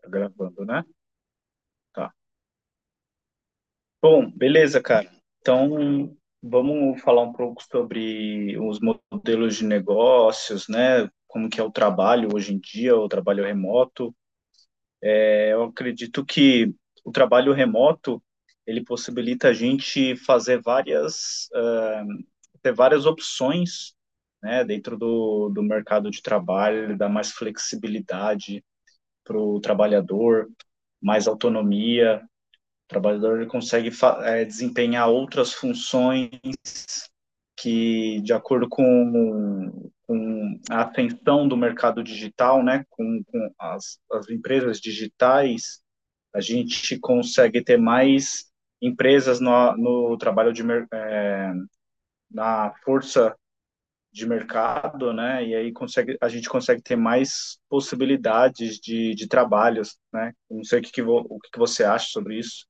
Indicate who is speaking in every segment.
Speaker 1: Tá gravando, né? Tá. Bom, beleza, cara. Então, vamos falar um pouco sobre os modelos de negócios, né? Como que é o trabalho hoje em dia, o trabalho remoto. É, eu acredito que o trabalho remoto, ele possibilita a gente fazer ter várias opções, né? Dentro do mercado de trabalho, ele dá mais flexibilidade para o trabalhador, mais autonomia. O trabalhador, ele consegue, desempenhar outras funções que, de acordo com a atenção do mercado digital, né, com as empresas digitais. A gente consegue ter mais empresas no trabalho de, é, na força de mercado, né? E aí a gente consegue ter mais possibilidades de trabalhos, né? Não sei o que você acha sobre isso.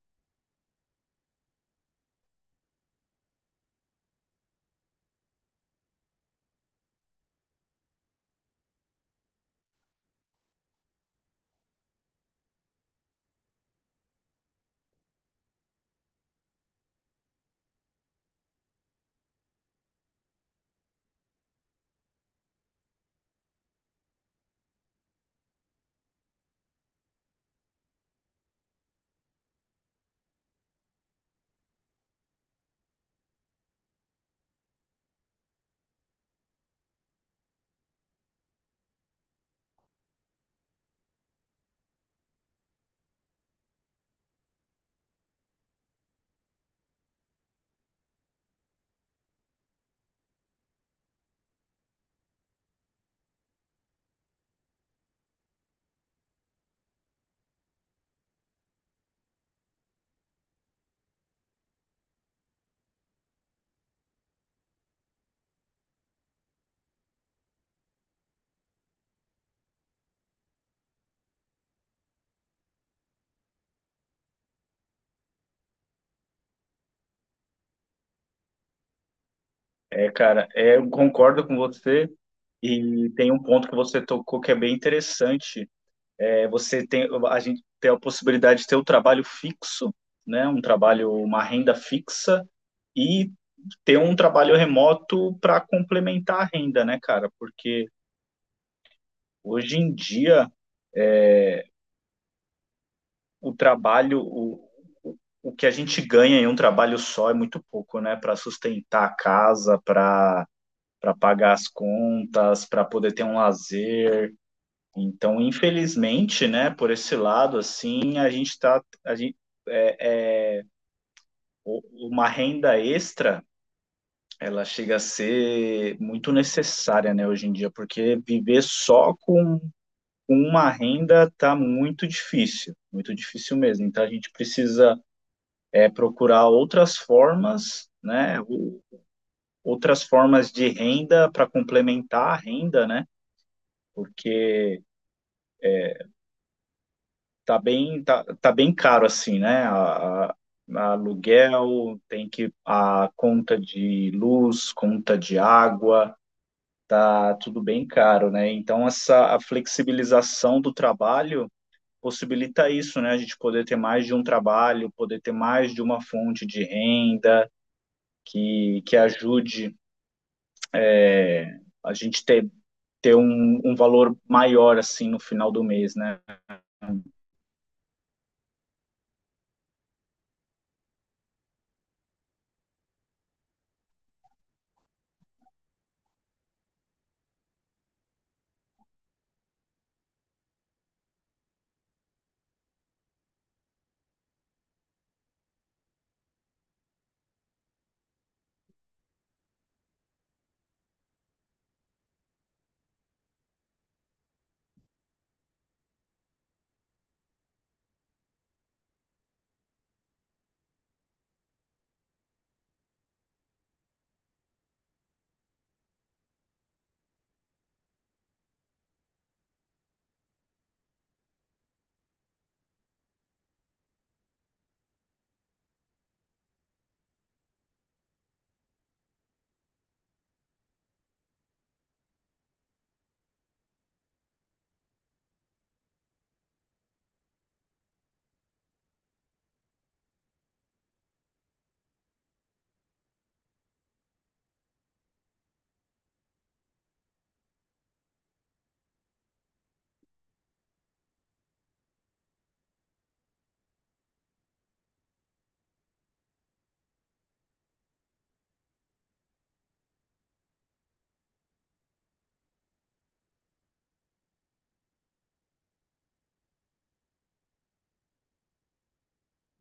Speaker 1: É, cara, eu concordo com você e tem um ponto que você tocou que é bem interessante. É, a gente tem a possibilidade de ter um trabalho fixo, né? Um trabalho, uma renda fixa e ter um trabalho remoto para complementar a renda, né, cara? Porque hoje em dia, o trabalho, o o que a gente ganha em um trabalho só é muito pouco, né? Para sustentar a casa, para pagar as contas, para poder ter um lazer. Então, infelizmente, né, por esse lado, assim, a gente tá, a gente, o- uma renda extra, ela chega a ser muito necessária, né, hoje em dia, porque viver só com uma renda tá muito difícil mesmo. Então, a gente precisa, procurar outras formas, né, outras formas de renda para complementar a renda, né, porque tá bem caro assim, né? A aluguel, tem que a conta de luz, conta de água, tá tudo bem caro, né? Então essa a flexibilização do trabalho possibilita isso, né? A gente poder ter mais de um trabalho, poder ter mais de uma fonte de renda que ajude, é, a gente ter ter um valor maior assim no final do mês, né?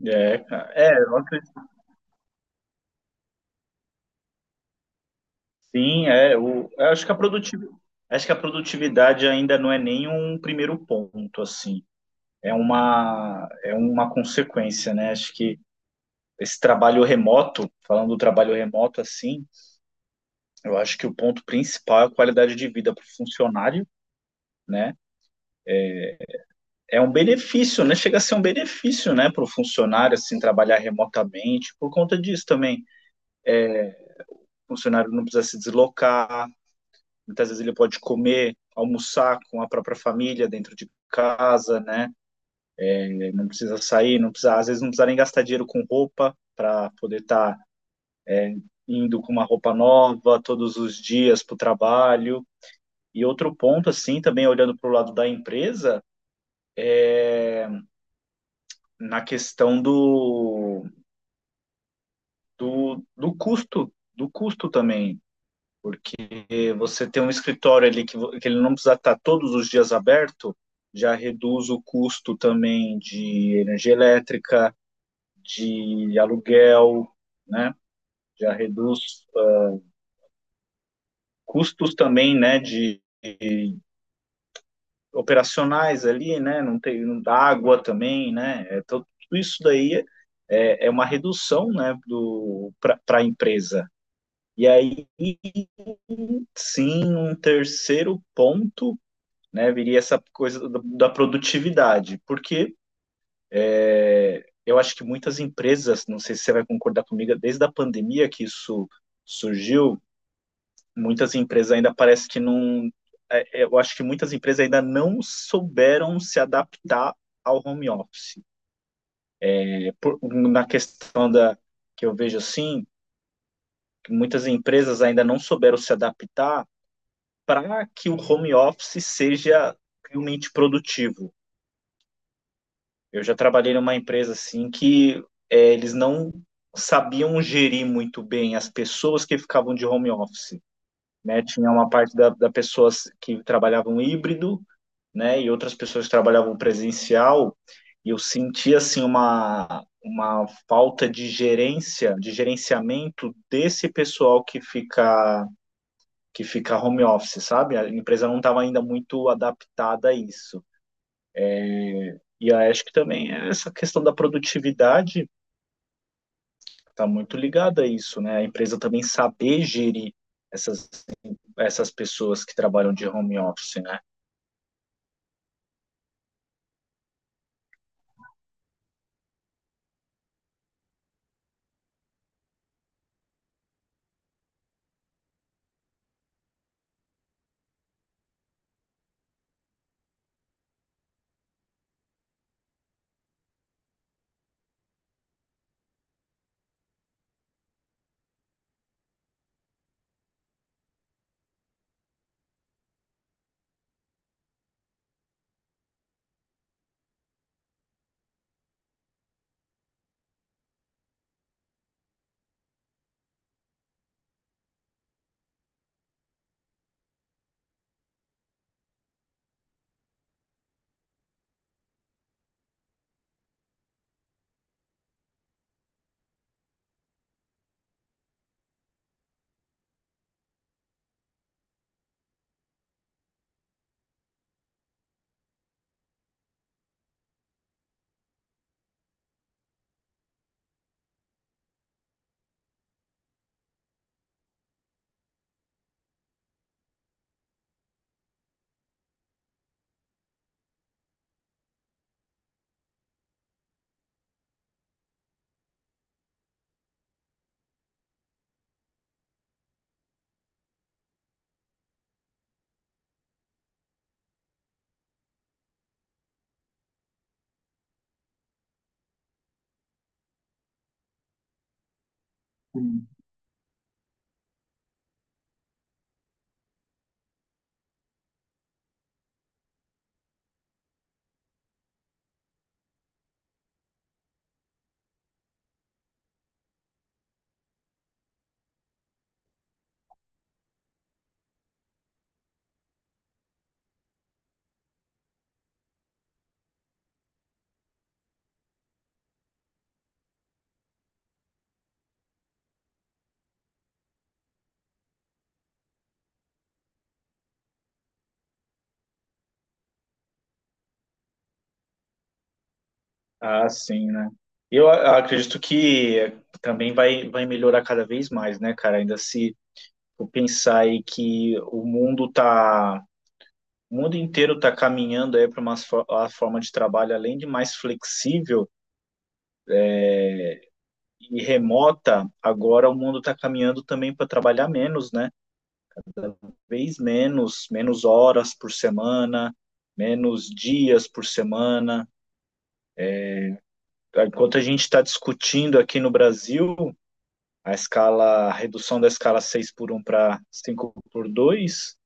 Speaker 1: É, cara. Eu acredito. Sim, é. Eu acho que a produtividade ainda não é nem um primeiro ponto, assim. É uma consequência, né? Acho que esse trabalho remoto, falando do trabalho remoto assim, eu acho que o ponto principal é a qualidade de vida para o funcionário, né? É um benefício, né? Chega a ser um benefício, né, para o funcionário, assim, trabalhar remotamente, por conta disso também. O funcionário não precisa se deslocar. Muitas vezes ele pode comer, almoçar com a própria família dentro de casa, né? Ele não precisa sair, não precisa, às vezes não precisa nem gastar dinheiro com roupa para poder estar indo com uma roupa nova todos os dias para o trabalho. E outro ponto, assim, também olhando para o lado da empresa, na questão do custo também, porque você ter um escritório ali que ele não precisa estar todos os dias aberto, já reduz o custo também de energia elétrica, de aluguel, né? Já reduz, custos também, né? De operacionais ali, né? Não tem água também, né? É, tudo isso daí é uma redução, né, do, para a empresa. E aí, sim, um terceiro ponto, né, viria essa coisa da produtividade, porque eu acho que muitas empresas, não sei se você vai concordar comigo, desde a pandemia que isso surgiu, muitas empresas ainda parece que não. Eu acho que muitas empresas ainda não souberam se adaptar ao home office. É, na questão da, que eu vejo assim, muitas empresas ainda não souberam se adaptar para que o home office seja realmente produtivo. Eu já trabalhei numa empresa assim que, eles não sabiam gerir muito bem as pessoas que ficavam de home office. Né? Tinha uma parte da pessoas que trabalhavam híbrido, né? E outras pessoas que trabalhavam presencial. E eu senti assim uma falta de gerência, de gerenciamento desse pessoal que fica, home office, sabe? A empresa não estava ainda muito adaptada a isso. E eu acho que também é essa questão da produtividade, está muito ligada a isso, né? A empresa também saber gerir essas, essas pessoas que trabalham de home office, né? Sim. Ah, sim, né? Eu acredito que também vai, melhorar cada vez mais, né, cara? Ainda se eu pensar aí que o mundo tá, o mundo inteiro tá caminhando aí para a forma de trabalho além de mais flexível e remota, agora o mundo tá caminhando também para trabalhar menos, né? Vez menos, menos horas por semana, menos dias por semana. Enquanto a gente está discutindo aqui no Brasil a escala, a redução da escala 6x1 para 5x2,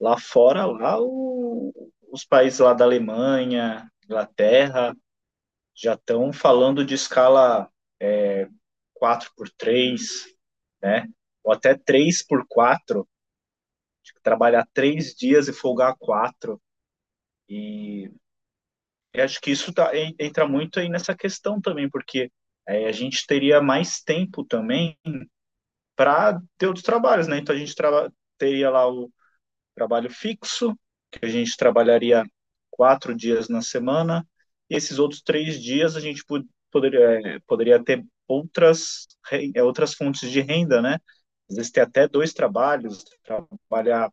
Speaker 1: lá fora, os países lá da Alemanha, Inglaterra, já estão falando de escala 4x3, né? Ou até 3x4, tipo, trabalhar 3 dias e folgar quatro. E eu acho que isso tá, entra muito aí nessa questão também, porque a gente teria mais tempo também para ter outros trabalhos, né? Então a gente teria lá o trabalho fixo, que a gente trabalharia 4 dias na semana, e esses outros 3 dias a gente poderia, poderia ter outras, outras fontes de renda, né? Às vezes ter até dois trabalhos, trabalhar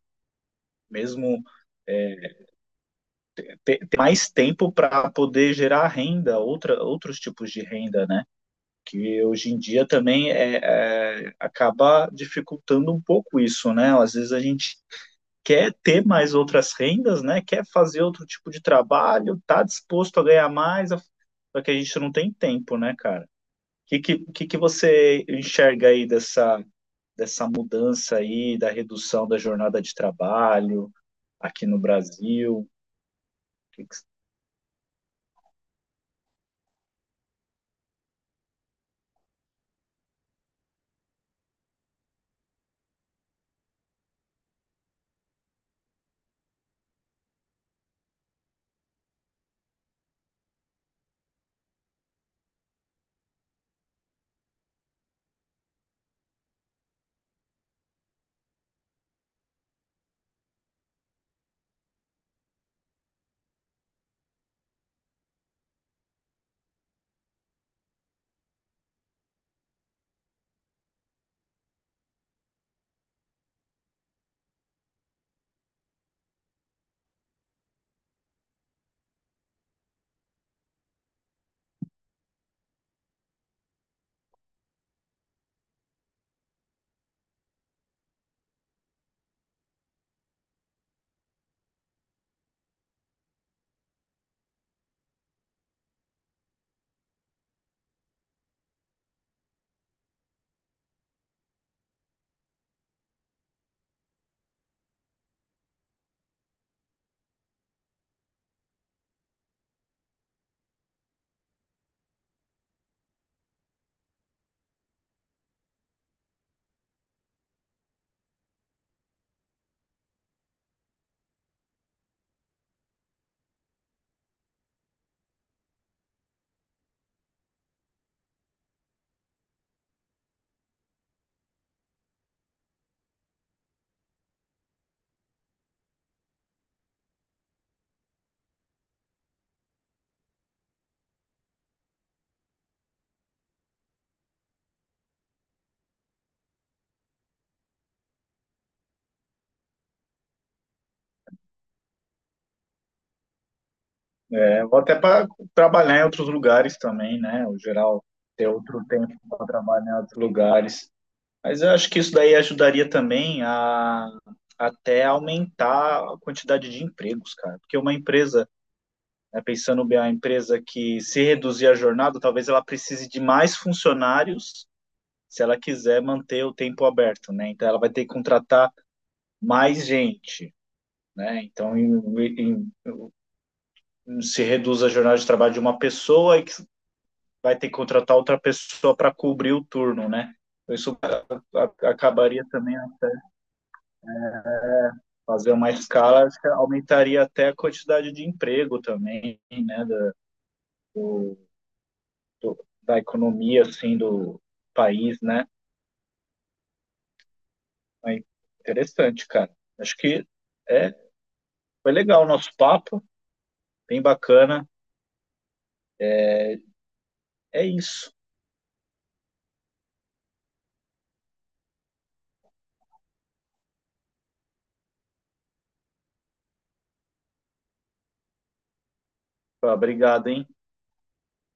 Speaker 1: mesmo, ter, mais tempo para poder gerar renda, outros tipos de renda, né? Que hoje em dia também acaba dificultando um pouco isso, né? Às vezes a gente quer ter mais outras rendas, né? Quer fazer outro tipo de trabalho, tá disposto a ganhar mais, só que a gente não tem tempo, né, cara? O que você enxerga aí dessa mudança aí, da redução da jornada de trabalho aqui no Brasil? Que que, Vou até para trabalhar em outros lugares também, né? O geral, ter outro tempo para trabalhar em outros lugares. Mas eu acho que isso daí ajudaria também a até aumentar a quantidade de empregos, cara. Porque uma empresa, né, pensando bem, a empresa que se reduzir a jornada, talvez ela precise de mais funcionários se ela quiser manter o tempo aberto, né? Então ela vai ter que contratar mais gente, né? Então se reduz a jornada de trabalho de uma pessoa e que vai ter que contratar outra pessoa para cobrir o turno, né? Então, isso acabaria também fazer uma escala, acho que aumentaria até a quantidade de emprego também, né, do, da economia, assim, do país, né? Mas interessante, cara. Acho que, é, foi legal o nosso papo, bem bacana. É isso. Tá, obrigado, hein?